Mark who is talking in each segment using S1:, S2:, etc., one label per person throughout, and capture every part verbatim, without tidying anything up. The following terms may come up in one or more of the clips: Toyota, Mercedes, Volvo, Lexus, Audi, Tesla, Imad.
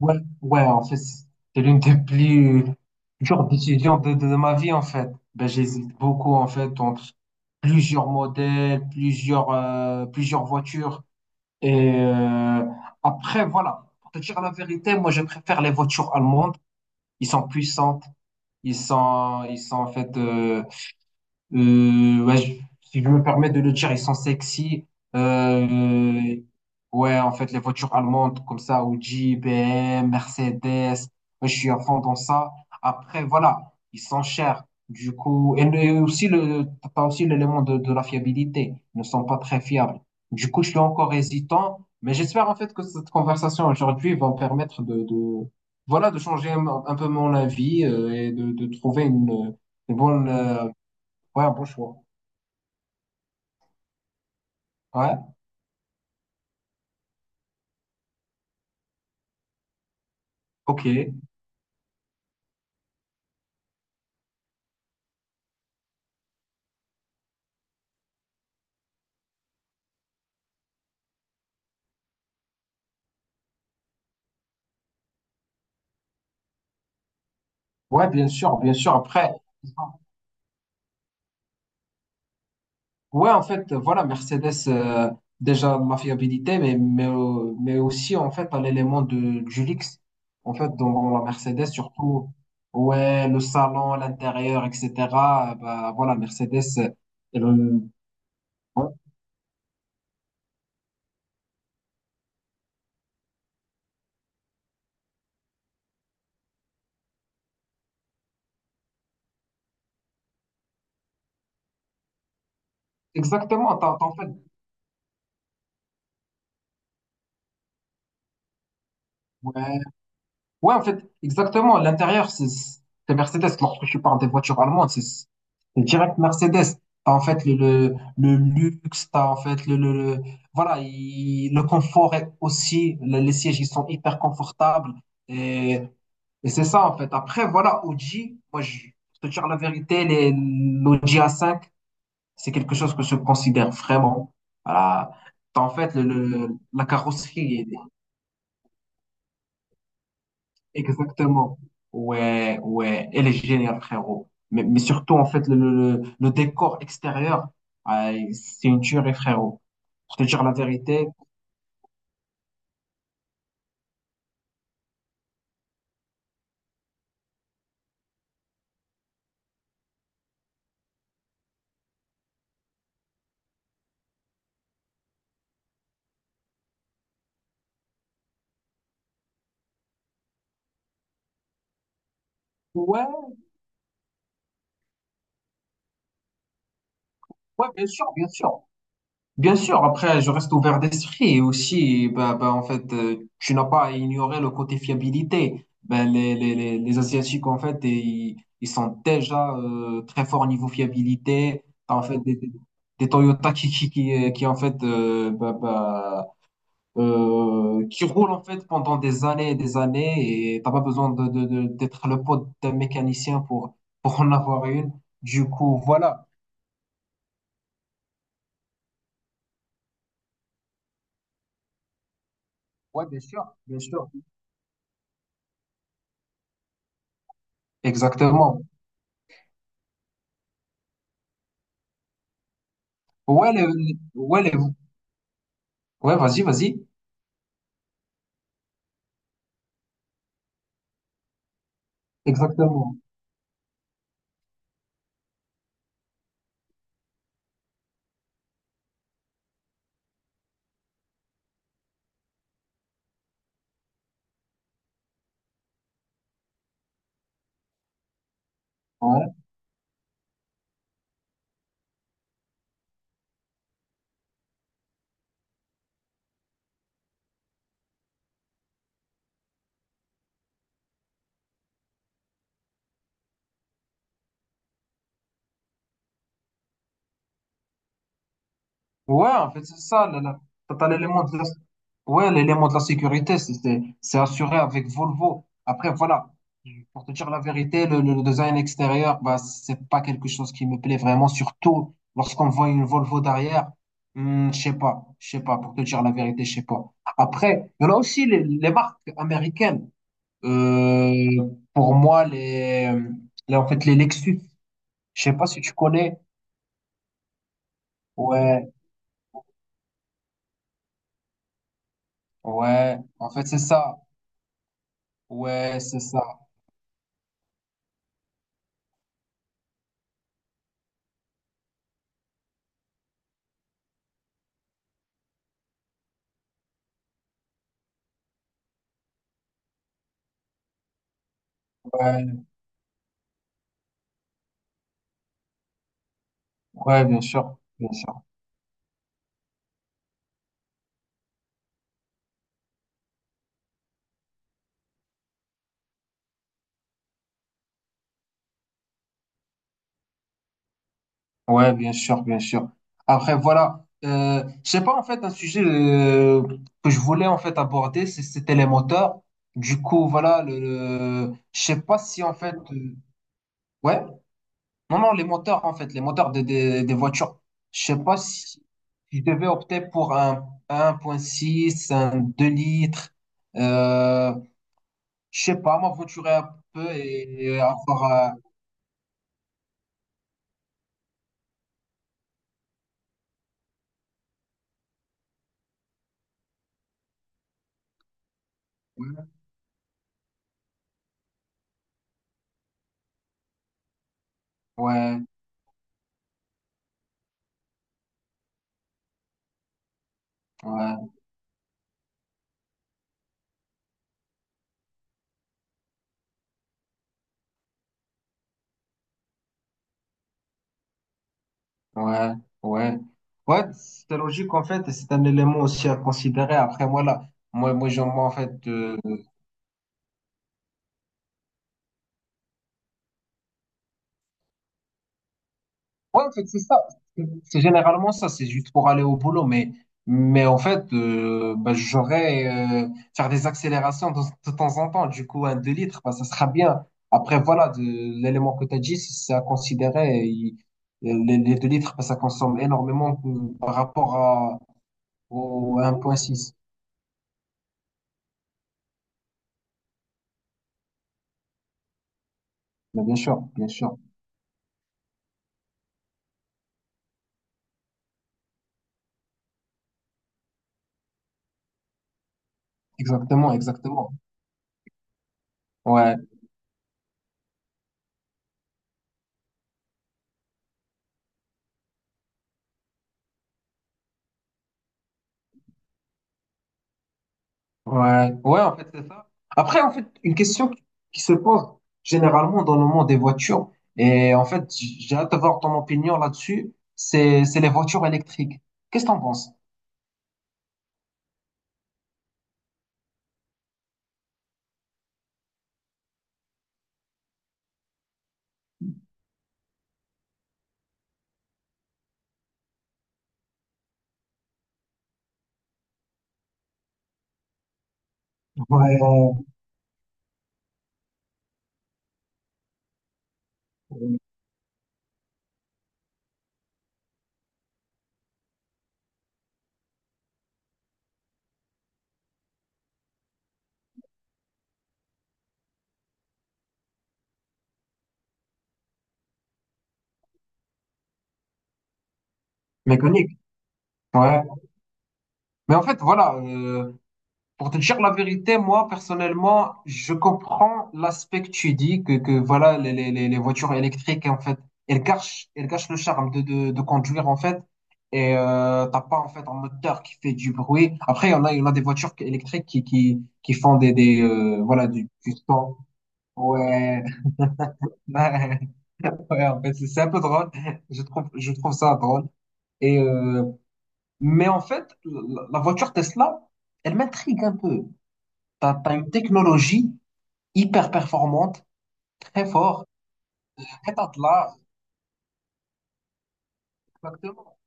S1: Ouais, ouais, en fait, c'est l'une des plus dures décisions de, de, de ma vie, en fait. Ben, j'hésite beaucoup, en fait, entre plusieurs modèles, plusieurs, euh, plusieurs voitures. Et euh, Après, voilà, pour te dire la vérité, moi, je préfère les voitures allemandes. Ils sont puissantes. Ils sont, ils sont en fait, euh, euh, ouais, je- si je me permets de le dire, ils sont sexy. Euh, ouais, en fait, les voitures allemandes comme ça, Audi, B M, Mercedes, moi, je suis à fond dans ça. Après, voilà, ils sont chers. Du coup, et le- aussi le, t'as aussi l'élément de, de la fiabilité. Ils ne sont pas très fiables. Du coup, je suis encore hésitant, mais j'espère en fait que cette conversation aujourd'hui va me permettre de, de, voilà, de changer un, un peu mon avis euh, et de, de trouver une, une bonne euh, ouais, un bon choix. Ouais, ok. Ouais, bien sûr, bien sûr. Après, ouais, en fait, voilà, Mercedes, euh, déjà ma fiabilité, mais, mais, euh, mais aussi, en fait, à l'élément de, du luxe. En fait, dans, dans la Mercedes, surtout, ouais, le salon, l'intérieur, et cetera euh, Bah, Voilà, Mercedes, euh, elle, euh, ouais, exactement. T'as, t'as, en fait, ouais, ouais, en fait, exactement. L'intérieur, c'est c'est Mercedes. Lorsque je parle des voitures allemandes, c'est c'est direct Mercedes. T'as en fait le, le, le luxe, t'as en fait le, le, le- voilà, il- le confort est aussi, le- les sièges, ils sont hyper confortables. Et, et c'est ça, en fait. Après, voilà, Audi, moi, je pour te dire la vérité, les, l'Audi A cinq, c'est quelque chose que je considère vraiment. Voilà. T'as en fait le, le- la carrosserie. Exactement. Ouais, ouais, elle est géniale, frérot. Mais, mais surtout, en fait, le, le, le- le décor extérieur, ah, c'est une tuerie, frérot. Pour te dire la vérité, ouais, ouais, bien sûr, bien sûr. Bien sûr, après, je reste ouvert d'esprit et aussi, bah, bah, en fait, euh, tu n'as pas à ignorer le côté fiabilité. Ben, les, les, les, les Asiatiques, en fait, ils, ils sont déjà euh, très forts au niveau fiabilité. T'as, En fait, des, des des Toyota qui, qui, qui, euh, qui, en fait, euh, bah, bah, euh, qui roulent, en fait, pendant des années et des années et t'as pas besoin de, de, de- d'être le pote d'un mécanicien pour, pour en avoir une. Du coup, voilà. Ouais, bien sûr, bien sûr. Exactement. Ouais, les, ouais, les- ouais, vas-y, vas-y. Exactement. Ouais. Ouais, en fait, c'est ça. Là, là. T'as t'as l'élément de la, ouais, l'élément de la sécurité, c'est c'est- c'est assuré avec Volvo. Après, voilà. Pour te dire la vérité, le, le design extérieur, bah, c'est pas quelque chose qui me plaît vraiment, surtout lorsqu'on voit une Volvo derrière. Hmm, je sais pas, je sais pas, pour te dire la vérité, je sais pas. Après, il y en a aussi les, les marques américaines. Euh, pour moi, les, les- en fait, les Lexus. Je sais pas si tu connais. Ouais, ouais. En fait, c'est ça. Ouais, c'est ça. Ouais, ouais, bien sûr, bien sûr. Ouais, bien sûr, bien sûr. Après, voilà. Euh, je sais pas, en fait, un sujet euh, que je voulais en fait aborder, c'est- c'était les moteurs. Du coup, voilà, le, le- je sais pas si en fait, euh, ouais, non, non, les moteurs en fait, les moteurs des des des voitures. Je sais pas si je devais opter pour un un point six un deux litres. euh, Je sais pas, m'aventurer un peu et, et avoir. euh, ouais, ouais, ouais, ouais. Ouais, c'est logique en fait, et c'est un élément aussi à considérer. Après, moi, là, moi, moi, j'en- moi, en fait, euh, ouais, en fait, c'est ça. C'est c'est généralement ça, c'est juste pour aller au boulot. Mais, mais en fait, euh, bah, j'aurais euh, faire des accélérations de, de temps en temps. Du coup, un deux litres, bah, ça sera bien. Après, voilà, de, l'élément que tu as dit, c'est à considérer. Il- les, les deux litres, bah, ça consomme énormément euh, par rapport à, au un virgule six. Mais bien sûr, bien sûr. Exactement, exactement. Ouais. Ouais, ouais, en fait, c'est ça. Après, en fait, une question qui qui se pose généralement dans le monde des voitures, et en fait, j- j'ai hâte de voir ton opinion là-dessus, c'est, c'est les voitures électriques. Qu'est-ce que t'en penses? Ouais. Mécanique. Ouais. Mais en fait, voilà, euh, pour te dire la vérité, moi, personnellement, je comprends l'aspect que tu dis, que, que voilà, les, les, les les voitures électriques, en fait, elles cachent elles cachent le charme de, de, de conduire, en fait. Et euh, t'as pas, en fait, un moteur qui fait du bruit. Après, il y en a, il y en a des voitures électriques qui, qui, qui font des, des euh, voilà, du, du son. Ouais. Ouais, en fait, c'est c'est un peu drôle. Je trouve, je trouve ça drôle. Et euh, mais en fait, la, la voiture Tesla, elle m'intrigue un peu. T'as, t'as une technologie hyper performante, très fort, très tas de l'art. Exactement.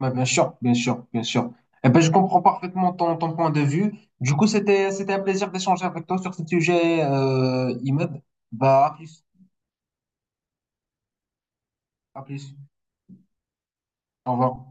S1: Ouais, bien sûr, bien sûr, bien sûr. Eh ben, je comprends parfaitement ton, ton point de vue. Du coup, c'était, c'était un plaisir d'échanger avec toi sur ce sujet, euh, Imad. Bah, à plus, à plus. Au revoir.